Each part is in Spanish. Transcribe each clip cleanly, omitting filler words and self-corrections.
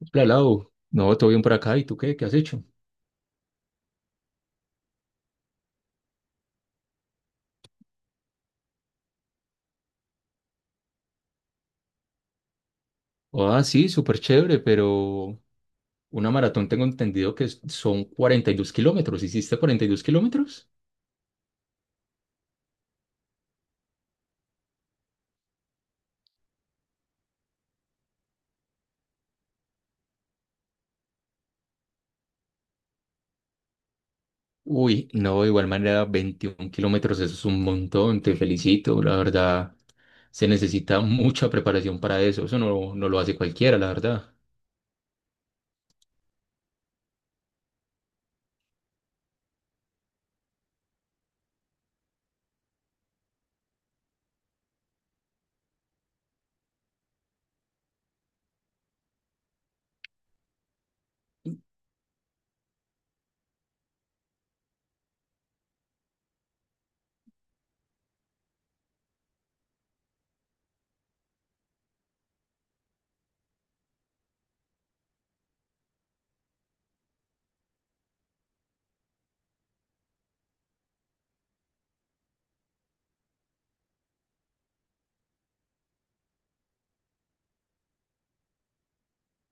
Hola, Lau. No, todo bien por acá. ¿Y tú qué? ¿Qué has hecho? Ah, sí, súper chévere, pero una maratón tengo entendido que son 42 kilómetros. ¿Hiciste 42 kilómetros? Uy, no, de igual manera, 21 kilómetros, eso es un montón. Te felicito, la verdad. Se necesita mucha preparación para eso. Eso no, no lo hace cualquiera, la verdad.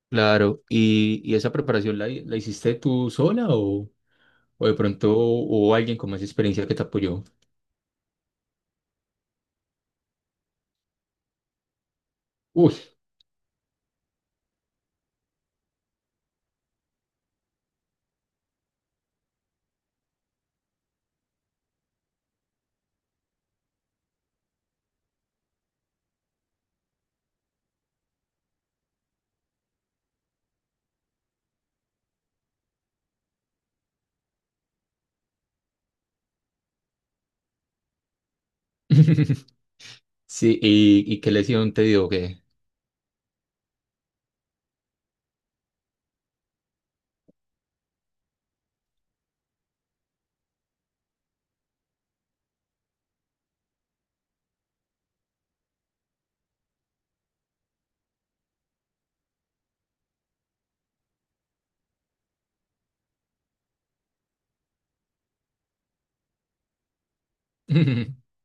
Claro. ¿Y esa preparación la hiciste tú sola o de pronto hubo alguien con más experiencia que te apoyó? Uy. Sí, ¿y qué lesión te dio?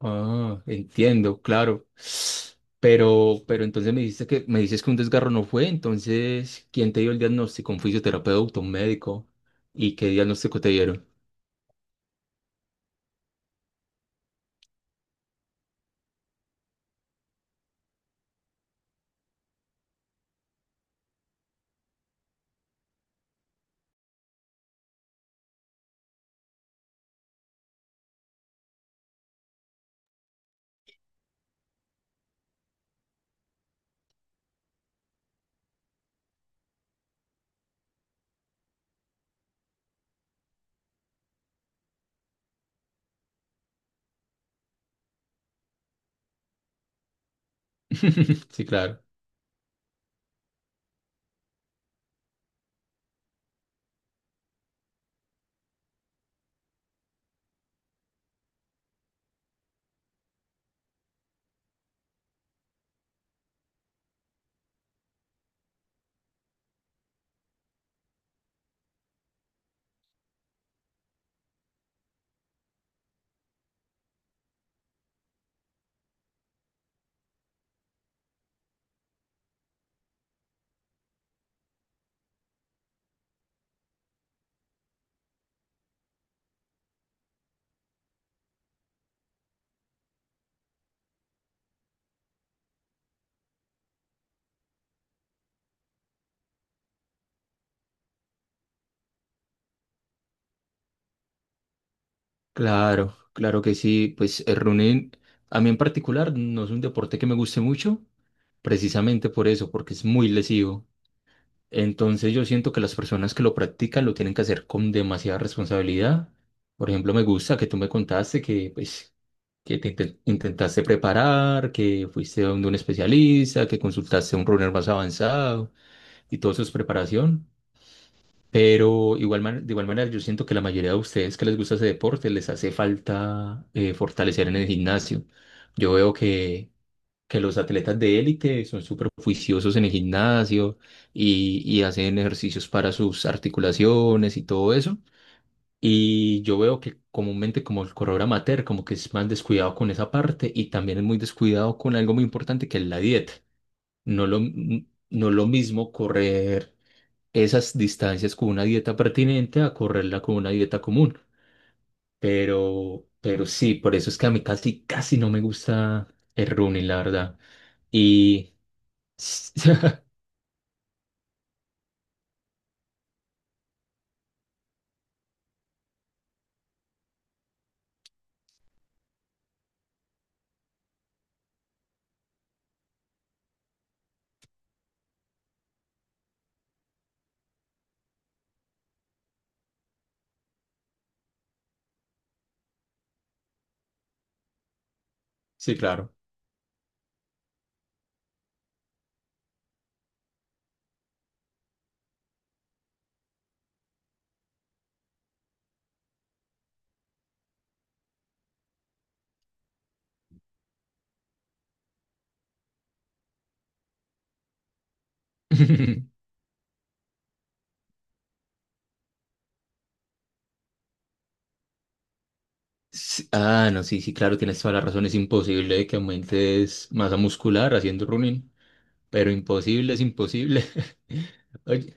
Ah, entiendo, claro. Pero entonces me dices que un desgarro no fue, entonces, ¿quién te dio el diagnóstico? ¿Un fisioterapeuta, un médico? ¿Y qué diagnóstico te dieron? Sí, claro. Claro, claro que sí. Pues el running, a mí en particular, no es un deporte que me guste mucho, precisamente por eso, porque es muy lesivo. Entonces yo siento que las personas que lo practican lo tienen que hacer con demasiada responsabilidad. Por ejemplo, me gusta que tú me contaste que, pues, que te intentaste preparar, que fuiste donde un especialista, que consultaste a un runner más avanzado y todo eso es preparación. Pero igual, de igual manera yo siento que la mayoría de ustedes que les gusta ese deporte les hace falta fortalecer en el gimnasio. Yo veo que los atletas de élite son súper juiciosos en el gimnasio y hacen ejercicios para sus articulaciones y todo eso. Y yo veo que comúnmente como el corredor amateur como que es más descuidado con esa parte y también es muy descuidado con algo muy importante que es la dieta. No lo mismo correr esas distancias con una dieta pertinente a correrla con una dieta común. Pero sí, por eso es que a mí casi, casi no me gusta el running, la verdad. Y Sí, claro. Sí, ah, no, sí, sí, claro, tienes toda la razón. Es imposible que aumentes masa muscular haciendo running, pero imposible es imposible. Oye,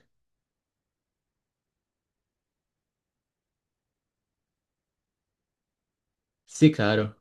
sí, claro,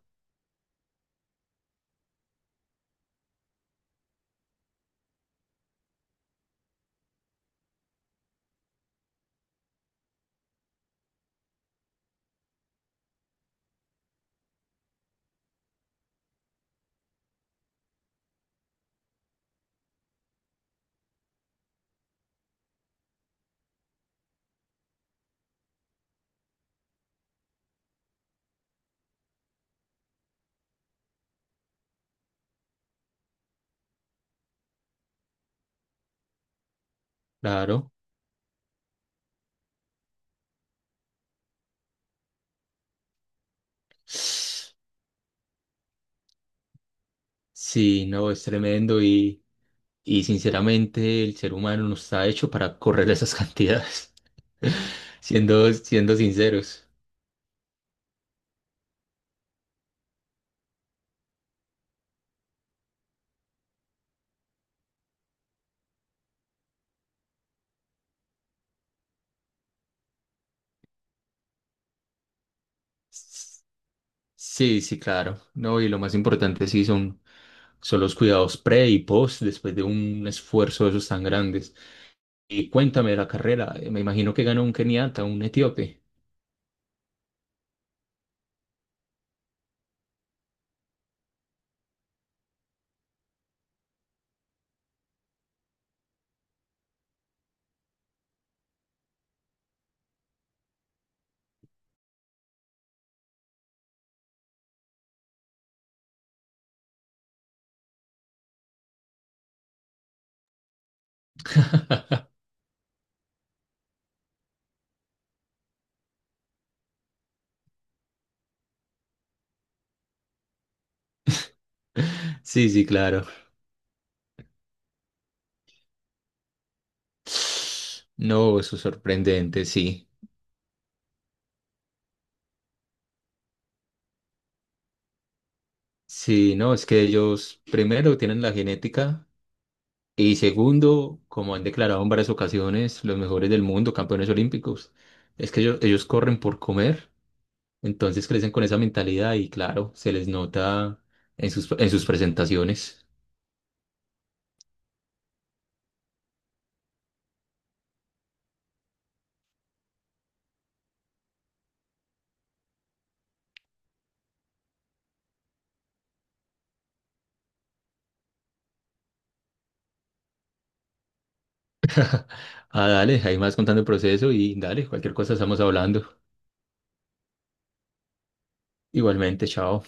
claro. Sí, no, es tremendo y sinceramente el ser humano no está hecho para correr esas cantidades, siendo sinceros. Sí, sí, claro. No, y lo más importante sí son los cuidados pre y post después de un esfuerzo de esos tan grandes. Y cuéntame de la carrera. Me imagino que ganó un keniata, un etíope. Sí, sí, claro. No, eso es sorprendente, sí. Sí, no, es que ellos primero tienen la genética y segundo, como han declarado en varias ocasiones, los mejores del mundo, campeones olímpicos, es que ellos corren por comer. Entonces crecen con esa mentalidad y claro, se les nota en sus presentaciones. Ah, dale, ahí más contando el proceso y dale, cualquier cosa estamos hablando. Igualmente, chao.